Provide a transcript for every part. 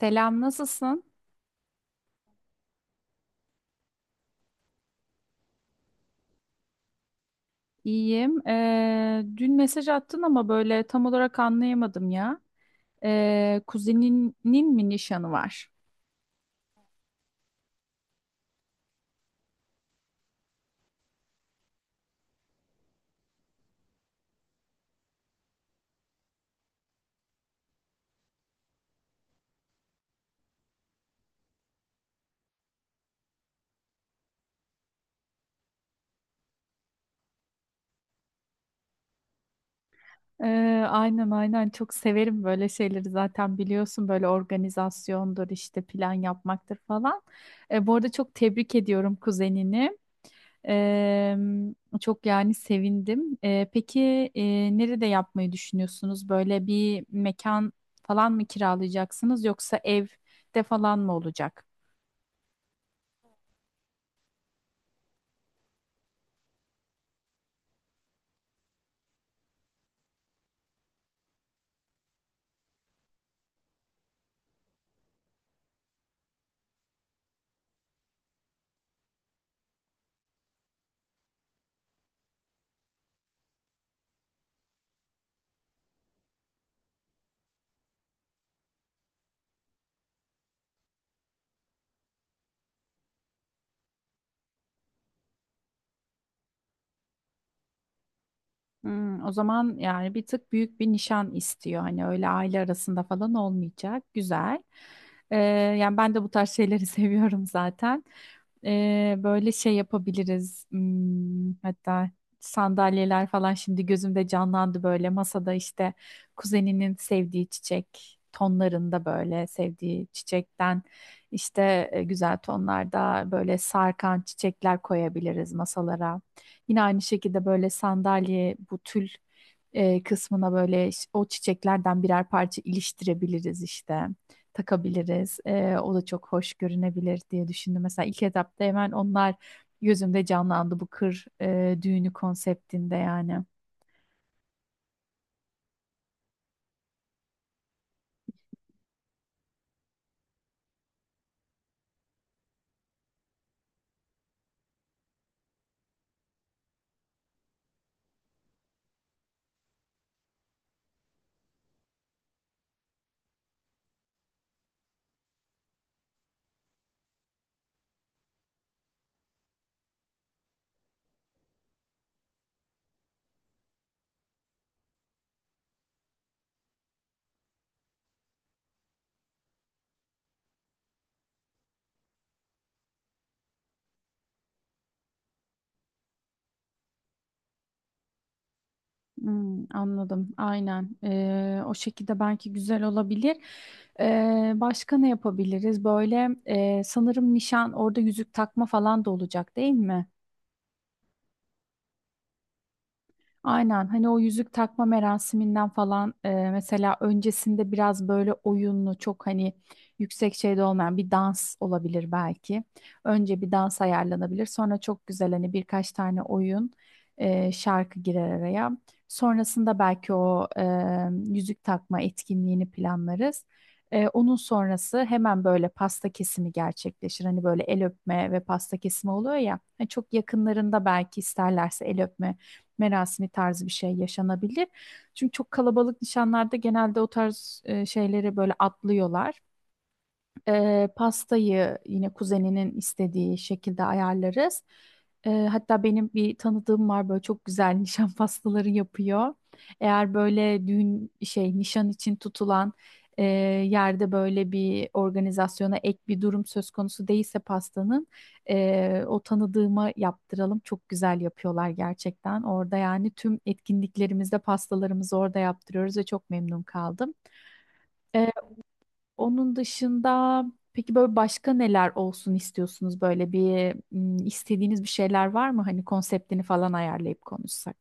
Selam, nasılsın? İyiyim. Dün mesaj attın ama böyle tam olarak anlayamadım ya. Kuzeninin mi nişanı var? Ee, aynen aynen çok severim böyle şeyleri zaten biliyorsun böyle organizasyondur işte plan yapmaktır falan. Bu arada çok tebrik ediyorum kuzenini. Ee, Çok yani sevindim. Peki nerede yapmayı düşünüyorsunuz? Böyle bir mekan falan mı kiralayacaksınız yoksa evde falan mı olacak? Hmm, o zaman yani bir tık büyük bir nişan istiyor. Hani öyle aile arasında falan olmayacak. Güzel. Ee, Yani ben de bu tarz şeyleri seviyorum zaten. Böyle şey yapabiliriz. Hmm, hatta sandalyeler falan şimdi gözümde canlandı böyle. Masada işte kuzeninin sevdiği çiçek tonlarında böyle sevdiği çiçekten işte güzel tonlarda böyle sarkan çiçekler koyabiliriz masalara. Yine aynı şekilde böyle sandalye bu tül kısmına böyle o çiçeklerden birer parça iliştirebiliriz işte. Takabiliriz. O da çok hoş görünebilir diye düşündüm. Mesela ilk etapta hemen onlar gözümde canlandı bu kır düğünü konseptinde yani. Hmm, anladım. Aynen. O şekilde belki güzel olabilir. Başka ne yapabiliriz? Böyle sanırım nişan orada yüzük takma falan da olacak değil mi? Aynen hani o yüzük takma merasiminden falan mesela öncesinde biraz böyle oyunlu çok hani yüksek şeyde olmayan bir dans olabilir belki. Önce bir dans ayarlanabilir sonra çok güzel hani birkaç tane oyun şarkı girer araya. Sonrasında belki o yüzük takma etkinliğini planlarız. Onun sonrası hemen böyle pasta kesimi gerçekleşir. Hani böyle el öpme ve pasta kesimi oluyor ya. Hani çok yakınlarında belki isterlerse el öpme merasimi tarzı bir şey yaşanabilir. Çünkü çok kalabalık nişanlarda genelde o tarz şeyleri böyle atlıyorlar. Pastayı yine kuzeninin istediği şekilde ayarlarız. Hatta benim bir tanıdığım var böyle çok güzel nişan pastaları yapıyor. Eğer böyle düğün şey nişan için tutulan yerde böyle bir organizasyona ek bir durum söz konusu değilse pastanın o tanıdığıma yaptıralım. Çok güzel yapıyorlar gerçekten. Orada yani tüm etkinliklerimizde pastalarımızı orada yaptırıyoruz ve çok memnun kaldım. Onun dışında peki böyle başka neler olsun istiyorsunuz? Böyle bir istediğiniz bir şeyler var mı? Hani konseptini falan ayarlayıp konuşsak.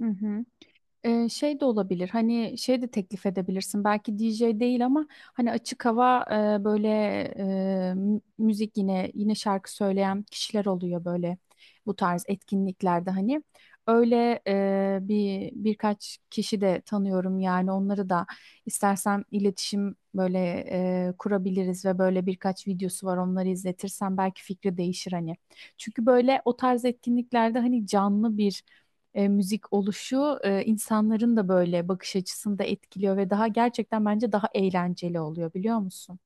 Hı hı. Şey de olabilir hani şey de teklif edebilirsin belki DJ değil ama hani açık hava böyle e, müzik yine şarkı söyleyen kişiler oluyor böyle bu tarz etkinliklerde hani öyle bir birkaç kişi de tanıyorum yani onları da istersen iletişim böyle kurabiliriz ve böyle birkaç videosu var onları izletirsen belki fikri değişir hani çünkü böyle o tarz etkinliklerde hani canlı bir müzik oluşu insanların da böyle bakış açısını da etkiliyor ve daha gerçekten bence daha eğlenceli oluyor biliyor musun?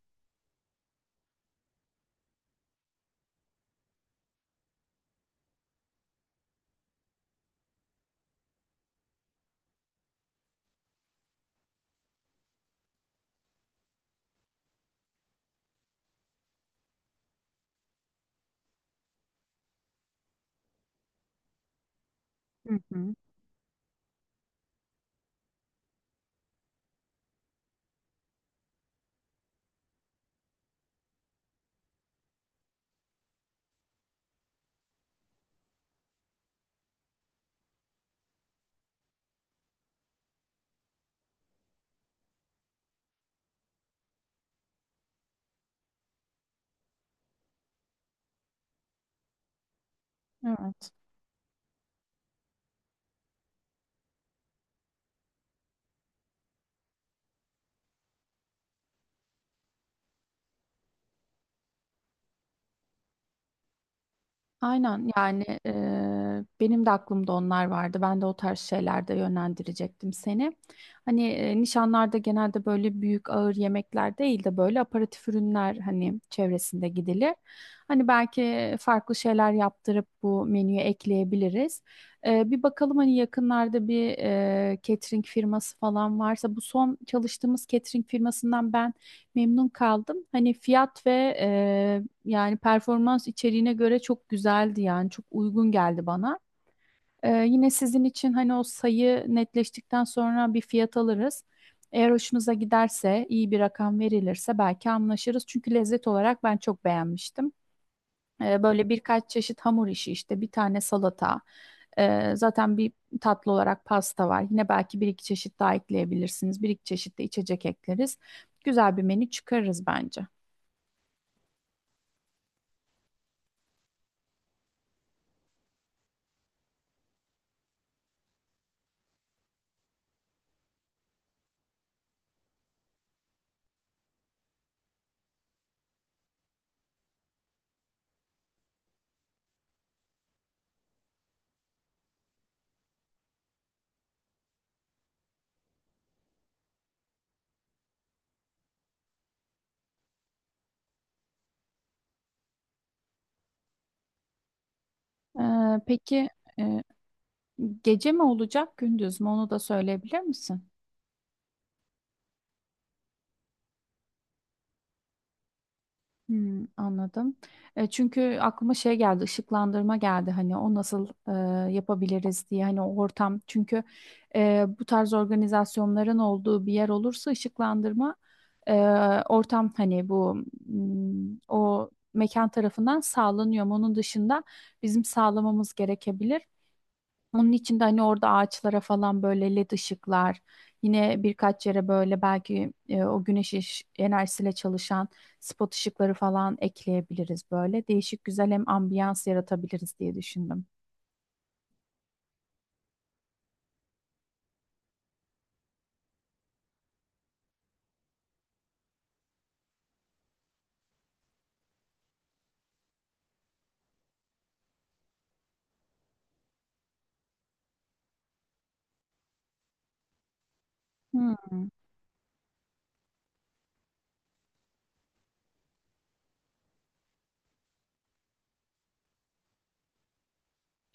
Hı hı. Evet. Aynen yani benim de aklımda onlar vardı. Ben de o tarz şeylerde yönlendirecektim seni. Hani nişanlarda genelde böyle büyük ağır yemekler değil de böyle aperatif ürünler hani çevresinde gidilir. Hani belki farklı şeyler yaptırıp bu menüye ekleyebiliriz. Bir bakalım hani yakınlarda bir catering firması falan varsa bu son çalıştığımız catering firmasından ben memnun kaldım. Hani fiyat ve yani performans içeriğine göre çok güzeldi yani çok uygun geldi bana. Yine sizin için hani o sayı netleştikten sonra bir fiyat alırız. Eğer hoşunuza giderse iyi bir rakam verilirse belki anlaşırız. Çünkü lezzet olarak ben çok beğenmiştim. Böyle birkaç çeşit hamur işi işte bir tane salata. Zaten bir tatlı olarak pasta var. Yine belki bir iki çeşit daha ekleyebilirsiniz. Bir iki çeşit de içecek ekleriz. Güzel bir menü çıkarırız bence. Peki e, gece mi olacak gündüz mü onu da söyleyebilir misin? Hmm, anladım. Çünkü aklıma şey geldi ışıklandırma geldi hani o nasıl yapabiliriz diye hani o ortam çünkü bu tarz organizasyonların olduğu bir yer olursa ışıklandırma e, ortam hani bu, o mekan tarafından sağlanıyor. Ama onun dışında bizim sağlamamız gerekebilir. Onun içinde de hani orada ağaçlara falan böyle led ışıklar, yine birkaç yere böyle belki o güneş enerjisiyle çalışan spot ışıkları falan ekleyebiliriz böyle. Değişik güzel hem ambiyans yaratabiliriz diye düşündüm.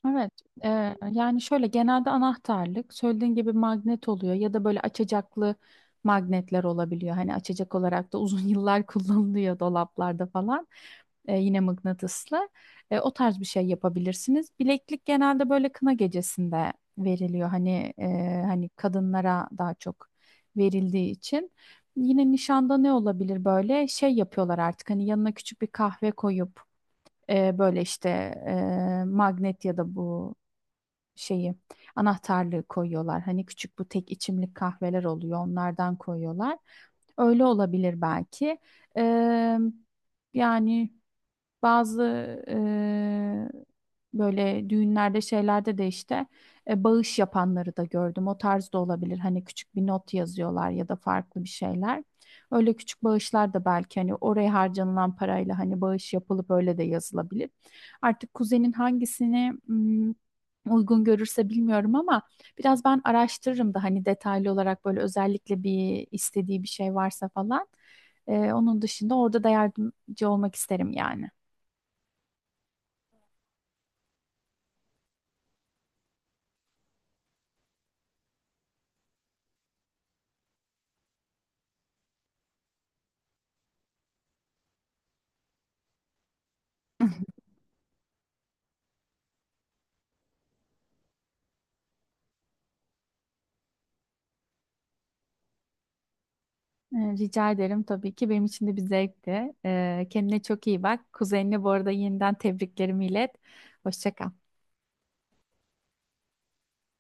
Evet, e, yani şöyle genelde anahtarlık söylediğin gibi magnet oluyor ya da böyle açacaklı magnetler olabiliyor. Hani açacak olarak da uzun yıllar kullanılıyor dolaplarda falan. Yine mıknatıslı. O tarz bir şey yapabilirsiniz. Bileklik genelde böyle kına gecesinde veriliyor. Hani hani kadınlara daha çok verildiği için. Yine nişanda ne olabilir böyle şey yapıyorlar artık hani yanına küçük bir kahve koyup böyle işte magnet ya da bu şeyi anahtarlığı koyuyorlar. Hani küçük bu tek içimlik kahveler oluyor onlardan koyuyorlar. Öyle olabilir belki. Ee, Yani bazı eee, böyle düğünlerde şeylerde de işte bağış yapanları da gördüm. O tarz da olabilir. Hani küçük bir not yazıyorlar ya da farklı bir şeyler. Öyle küçük bağışlar da belki hani oraya harcanılan parayla hani bağış yapılıp öyle de yazılabilir. Artık kuzenin hangisini hmm, uygun görürse bilmiyorum ama biraz ben araştırırım da hani detaylı olarak böyle özellikle bir istediği bir şey varsa falan. Onun dışında orada da yardımcı olmak isterim yani. Rica ederim tabii ki. Benim için de bir zevkti. Kendine çok iyi bak. Kuzenine bu arada yeniden tebriklerimi ilet. Hoşça kal.